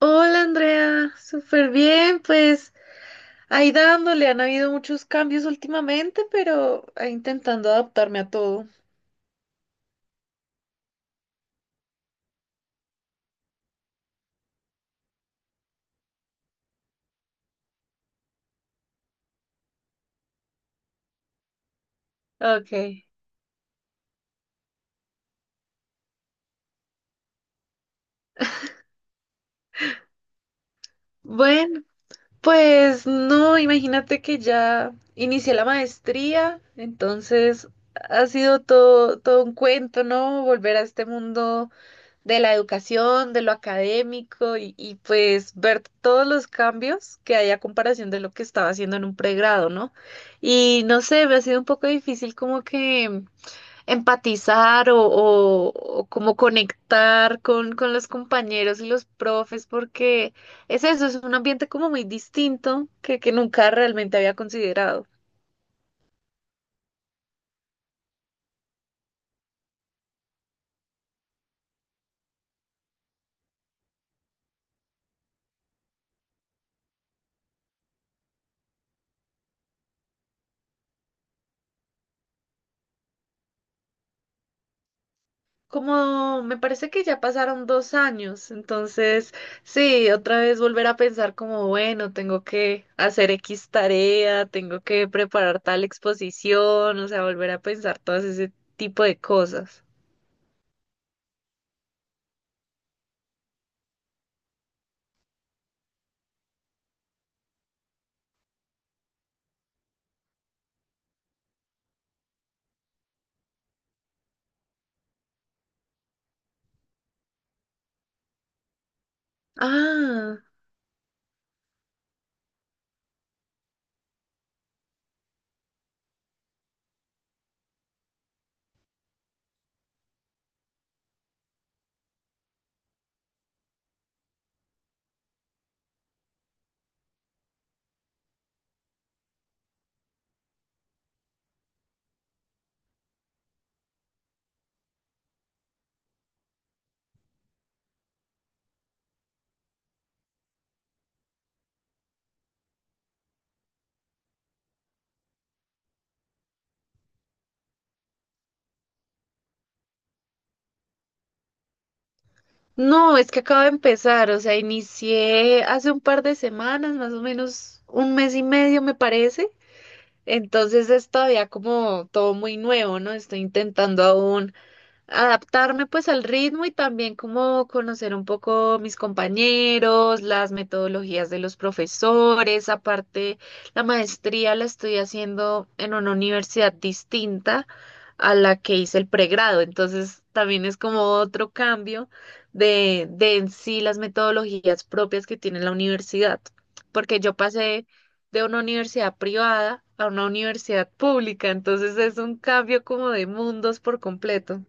Hola Andrea, súper bien, pues ahí dándole, han habido muchos cambios últimamente, pero ahí intentando adaptarme a todo. Ok. Bueno, pues no, imagínate que ya inicié la maestría, entonces ha sido todo, todo un cuento, ¿no? Volver a este mundo de la educación, de lo académico y, pues ver todos los cambios que hay a comparación de lo que estaba haciendo en un pregrado, ¿no? Y no sé, me ha sido un poco difícil como que empatizar o como conectar con los compañeros y los profes porque es eso, es un ambiente como muy distinto que nunca realmente había considerado. Como me parece que ya pasaron 2 años, entonces sí, otra vez volver a pensar como, bueno, tengo que hacer X tarea, tengo que preparar tal exposición, o sea, volver a pensar todas ese tipo de cosas. Ah, no, es que acabo de empezar, o sea, inicié hace un par de semanas, más o menos un mes y medio me parece, entonces es todavía como todo muy nuevo, ¿no? Estoy intentando aún adaptarme pues al ritmo y también como conocer un poco mis compañeros, las metodologías de los profesores. Aparte, la maestría la estoy haciendo en una universidad distinta a la que hice el pregrado, entonces también es como otro cambio de en sí las metodologías propias que tiene la universidad, porque yo pasé de una universidad privada a una universidad pública, entonces es un cambio como de mundos por completo.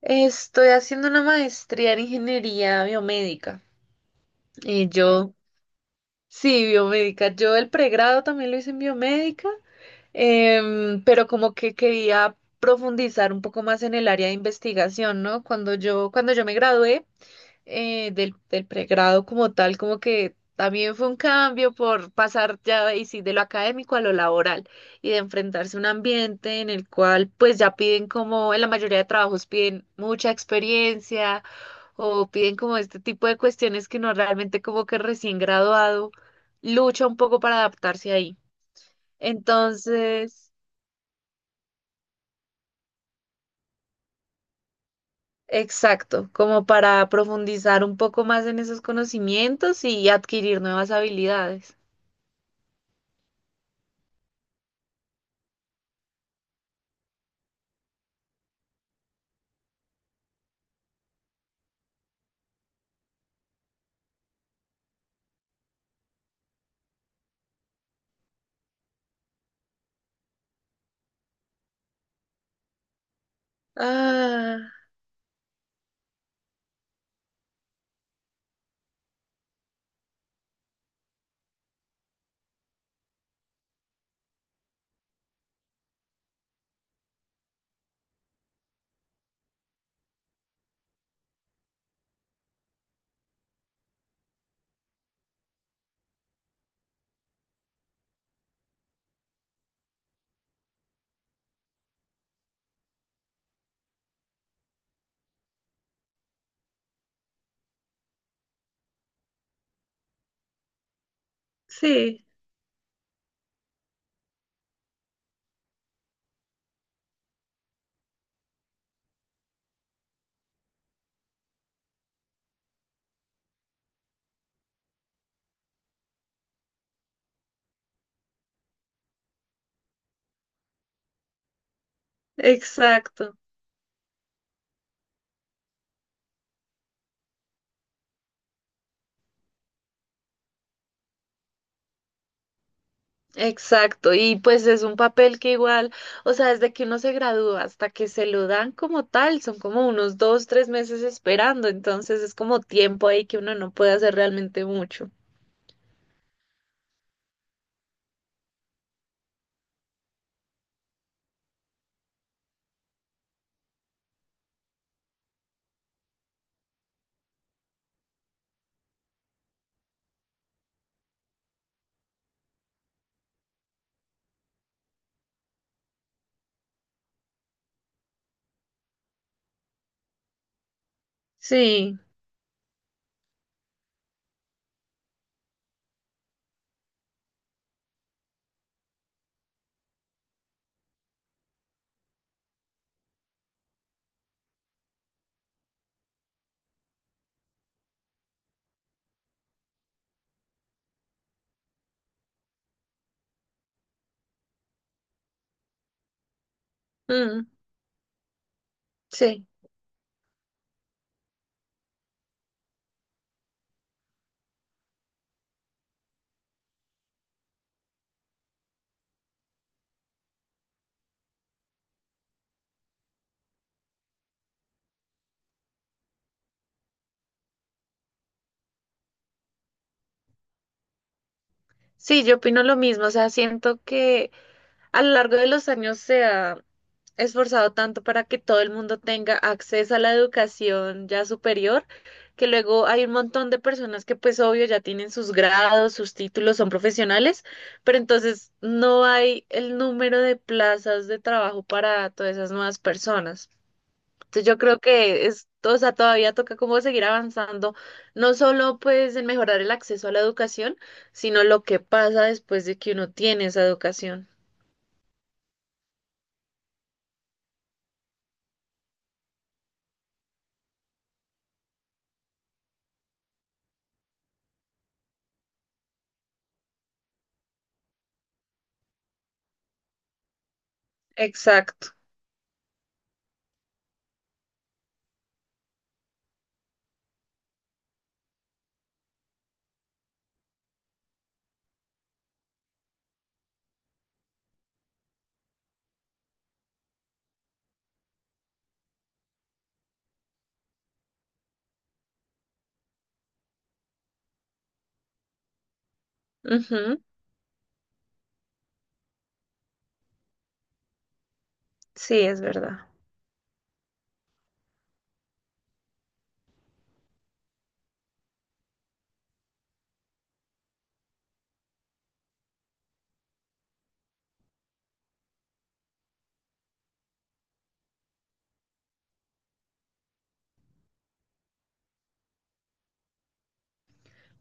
Estoy haciendo una maestría en ingeniería biomédica. Y yo, sí, biomédica. Yo el pregrado también lo hice en biomédica, pero como que quería profundizar un poco más en el área de investigación, ¿no? Cuando yo me gradué, del pregrado como tal, como que también fue un cambio por pasar ya y sí, de lo académico a lo laboral y de enfrentarse a un ambiente en el cual pues ya piden como en la mayoría de trabajos piden mucha experiencia o piden como este tipo de cuestiones que no realmente como que recién graduado lucha un poco para adaptarse ahí. Entonces, exacto, como para profundizar un poco más en esos conocimientos y adquirir nuevas habilidades. Ah, sí, exacto, exacto. Y pues es un papel que igual, o sea, desde que uno se gradúa hasta que se lo dan como tal, son como unos 2, 3 meses esperando, entonces es como tiempo ahí que uno no puede hacer realmente mucho. Sí, mm, sí, sí, yo opino lo mismo, o sea, siento que a lo largo de los años se ha esforzado tanto para que todo el mundo tenga acceso a la educación ya superior, que luego hay un montón de personas que pues obvio ya tienen sus grados, sus títulos, son profesionales, pero entonces no hay el número de plazas de trabajo para todas esas nuevas personas. Entonces yo creo que es, o sea, todavía toca como seguir avanzando, no solo pues en mejorar el acceso a la educación, sino lo que pasa después de que uno tiene esa educación. Exacto. Ujú. Sí, es verdad.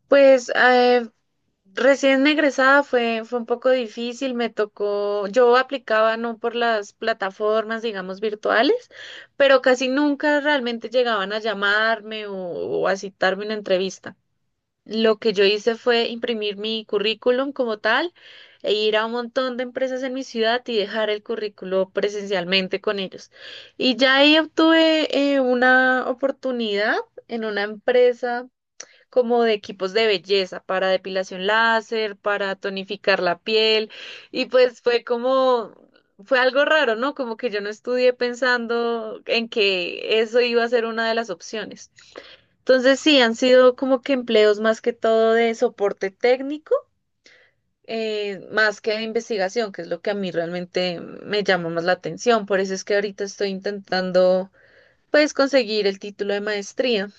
Pues recién egresada fue un poco difícil, me tocó, yo aplicaba no por las plataformas, digamos, virtuales, pero casi nunca realmente llegaban a llamarme o a citarme una entrevista. Lo que yo hice fue imprimir mi currículum como tal e ir a un montón de empresas en mi ciudad y dejar el currículo presencialmente con ellos. Y ya ahí obtuve una oportunidad en una empresa como de equipos de belleza para depilación láser, para tonificar la piel y pues fue como, fue algo raro, ¿no? Como que yo no estudié pensando en que eso iba a ser una de las opciones. Entonces sí, han sido como que empleos más que todo de soporte técnico. Más que de investigación, que es lo que a mí realmente me llama más la atención. Por eso es que ahorita estoy intentando, pues, conseguir el título de maestría.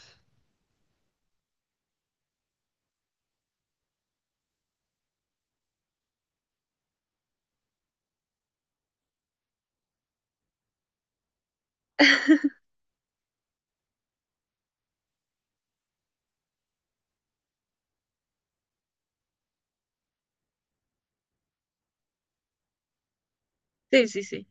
Sí, sí, sí.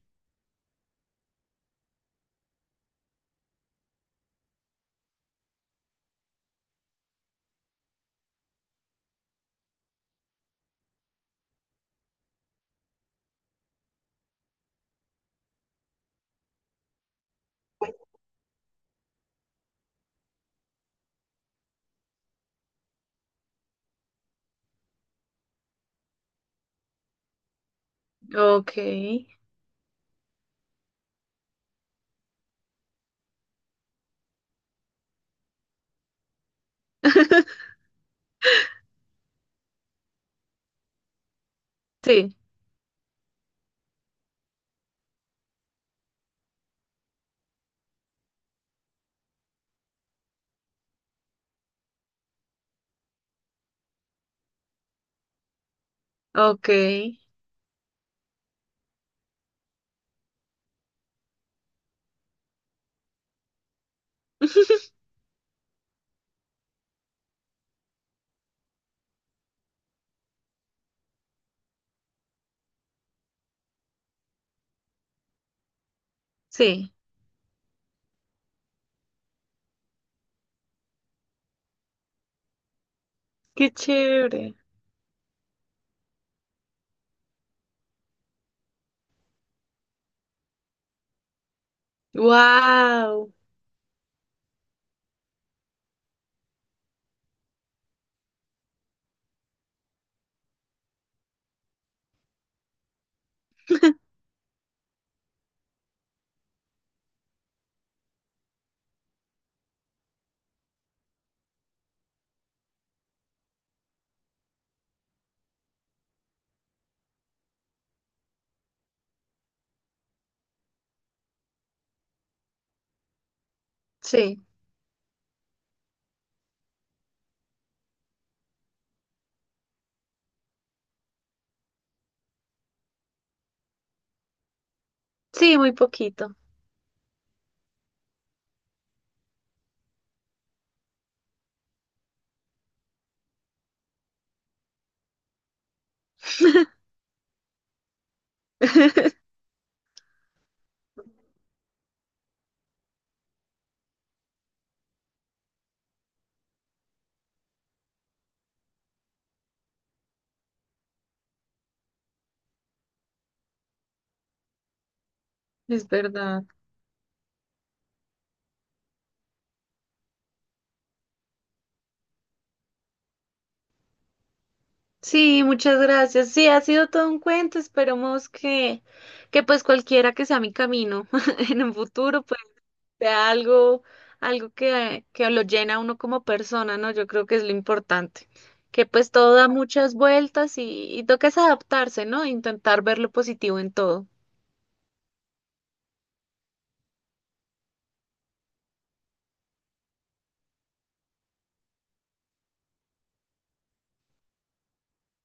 Ok. Sí, ok, sí, qué chévere. Wow, sí, sí, muy poquito. Es verdad. Sí, muchas gracias. Sí, ha sido todo un cuento. Esperemos que pues cualquiera que sea mi camino en un futuro, pues sea algo, algo que lo llena a uno como persona, ¿no? Yo creo que es lo importante. Que pues todo da muchas vueltas y toca es adaptarse, ¿no? Intentar ver lo positivo en todo.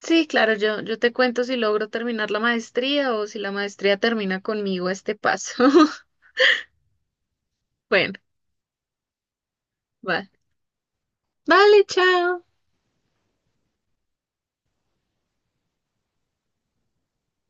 Sí, claro, yo te cuento si logro terminar la maestría o si la maestría termina conmigo a este paso. Bueno, va. Vale, chao.